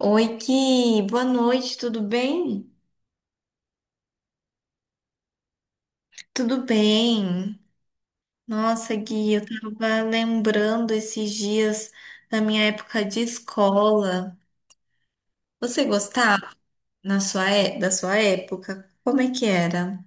Oi, Gui, boa noite, tudo bem? Tudo bem. Nossa, Gui, eu tava lembrando esses dias da minha época de escola. Você gostava na sua, da sua época? Como é que era?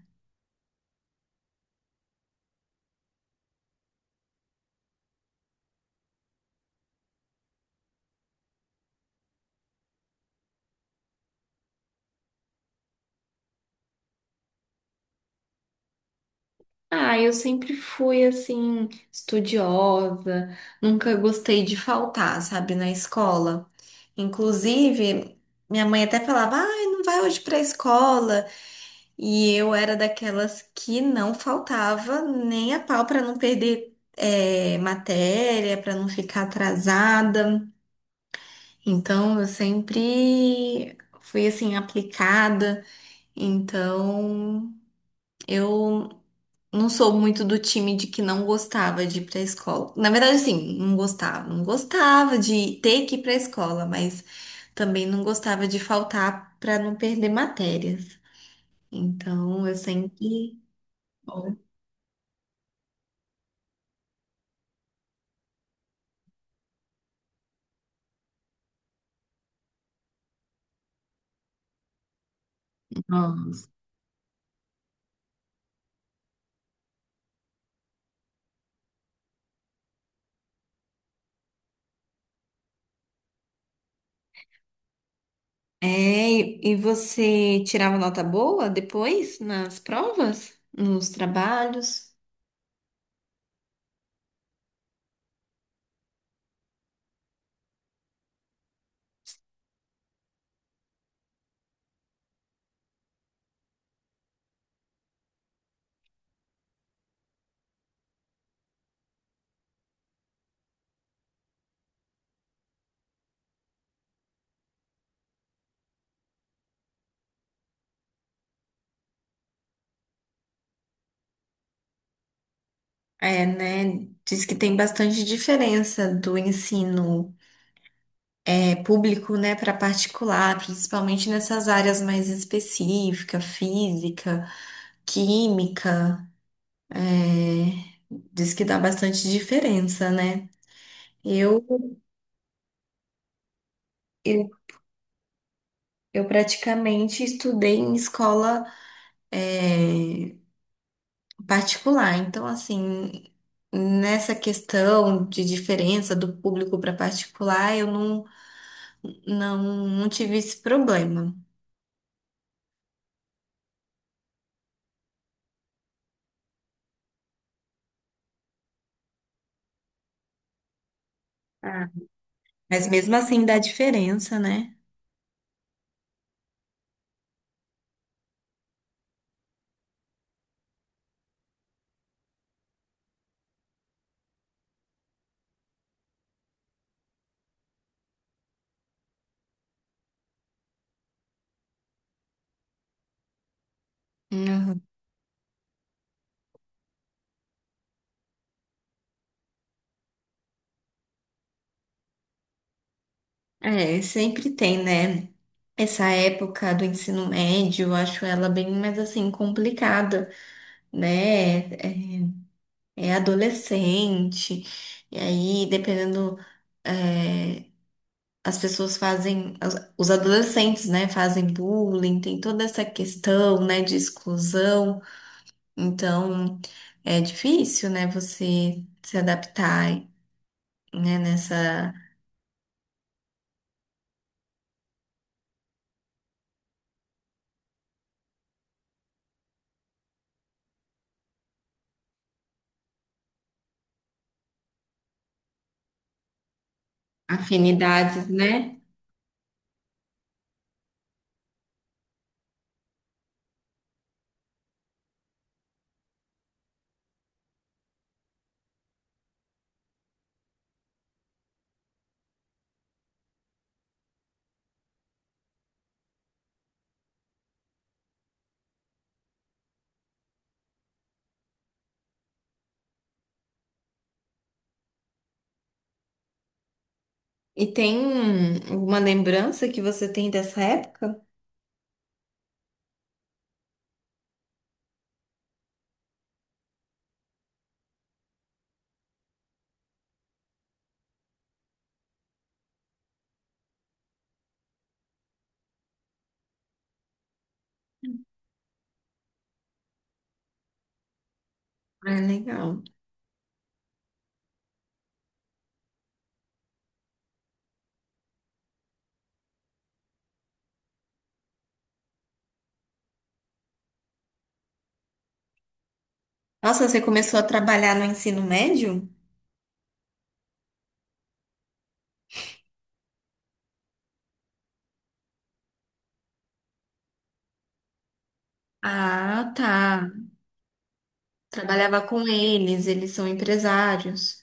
Ah, eu sempre fui assim, estudiosa, nunca gostei de faltar, sabe, na escola. Inclusive, minha mãe até falava: ai, não vai hoje pra escola. E eu era daquelas que não faltava nem a pau para não perder matéria, para não ficar atrasada. Então eu sempre fui assim aplicada. Então eu não sou muito do time de que não gostava de ir para a escola. Na verdade, assim, não gostava, não gostava de ter que ir para a escola, mas também não gostava de faltar para não perder matérias. Então eu sempre Ó. É, e você tirava nota boa depois nas provas, nos trabalhos? É, né? Diz que tem bastante diferença do ensino público, né, para particular, principalmente nessas áreas mais específicas, física, química. é, Diz que dá bastante diferença, né? Eu, eu, eu praticamente estudei em escola, é, particular. Então, assim, nessa questão de diferença do público para particular, eu não, não, não tive esse problema. Ah, mas mesmo assim dá diferença, né? Uhum. É, sempre tem, né? Essa época do ensino médio, eu acho ela bem mais assim complicada, né? É, é adolescente, e aí dependendo eh, as pessoas fazem, os adolescentes, né, fazem bullying, tem toda essa questão, né, de exclusão. Então, é difícil, né, você se adaptar, né, nessa afinidades, né? E tem uma lembrança que você tem dessa época? É legal. Nossa, você começou a trabalhar no ensino médio? Ah, tá. Trabalhava com eles, eles são empresários.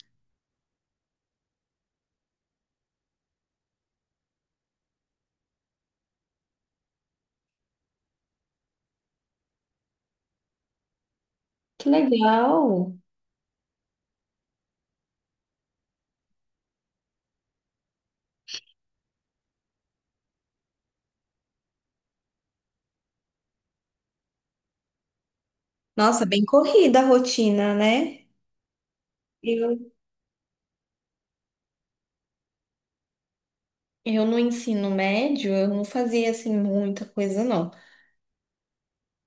Que legal. Nossa, bem corrida a rotina, né? Eu, eu no ensino médio, eu não fazia assim muita coisa, não.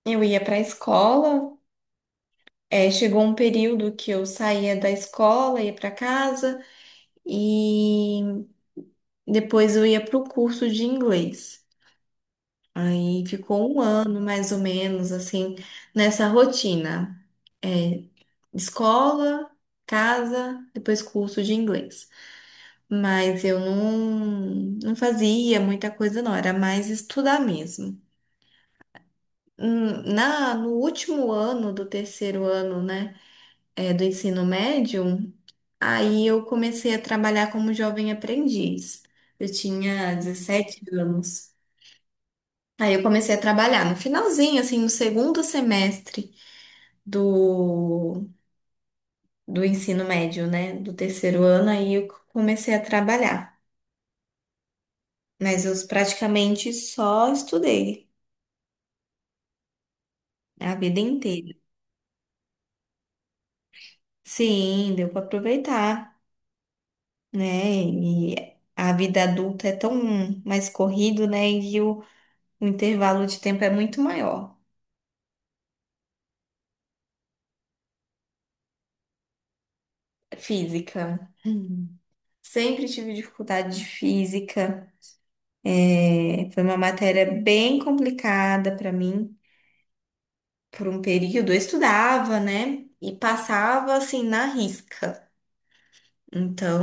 Eu ia para a escola, chegou um período que eu saía da escola, ia para casa e depois eu ia para o curso de inglês. Aí ficou um ano mais ou menos assim nessa rotina. É, escola, casa, depois curso de inglês. Mas eu não, não fazia muita coisa, não, era mais estudar mesmo. Na, no último ano do terceiro ano, né, do ensino médio, aí eu comecei a trabalhar como jovem aprendiz. Eu tinha 17 anos. Aí eu comecei a trabalhar no finalzinho, assim, no segundo semestre do, do ensino médio, né, do terceiro ano, aí eu comecei a trabalhar. Mas eu praticamente só estudei. É, a vida inteira. Sim, deu para aproveitar, né? E a vida adulta é tão mais corrido, né? E o intervalo de tempo é muito maior. Física. Hum. Sempre tive dificuldade de física. É, foi uma matéria bem complicada para mim. Por um período eu estudava, né? E passava assim na risca. Então,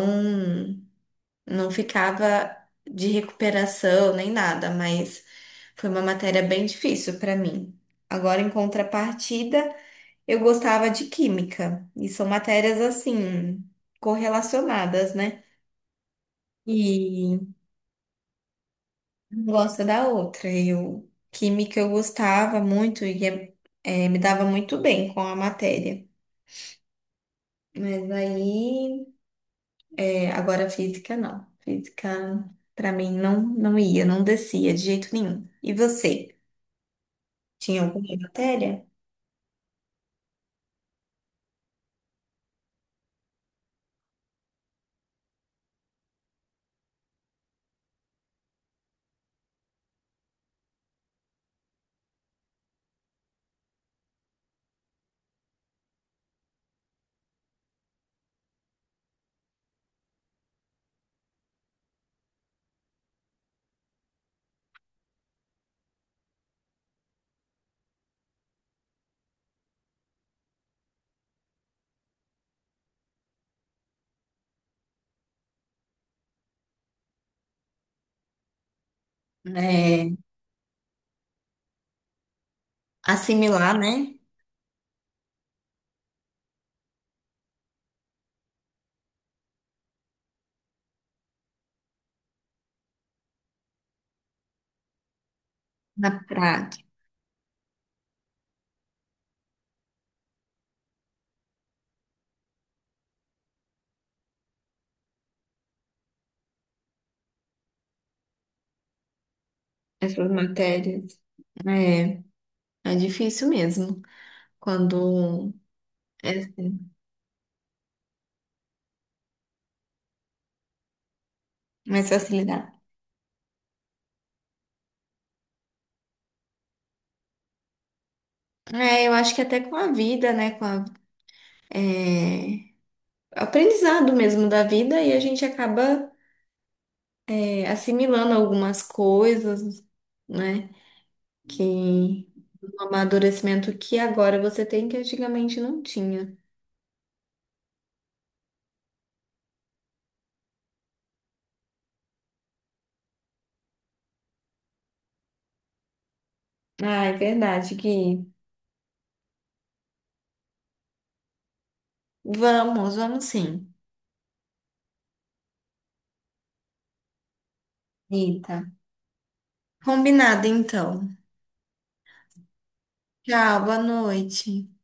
não ficava de recuperação nem nada, mas foi uma matéria bem difícil para mim. Agora, em contrapartida, eu gostava de química, e são matérias assim, correlacionadas, né? E uma gosta da outra. Eu, química eu gostava muito e é, me dava muito bem com a matéria. Mas aí, é, agora física não. Física, para mim, não, não ia, não descia de jeito nenhum. E você? Tinha alguma matéria é, assimilar, né, na prática essas matérias. É, é difícil mesmo quando é assim, mais facilidade. É, eu acho que até com a vida, né, com a, é, aprendizado mesmo da vida e a gente acaba é, assimilando algumas coisas, né, que um amadurecimento que agora você tem que antigamente não tinha. Ah, é verdade que vamos, vamos sim. Eita. Combinado, então. Tchau, boa noite.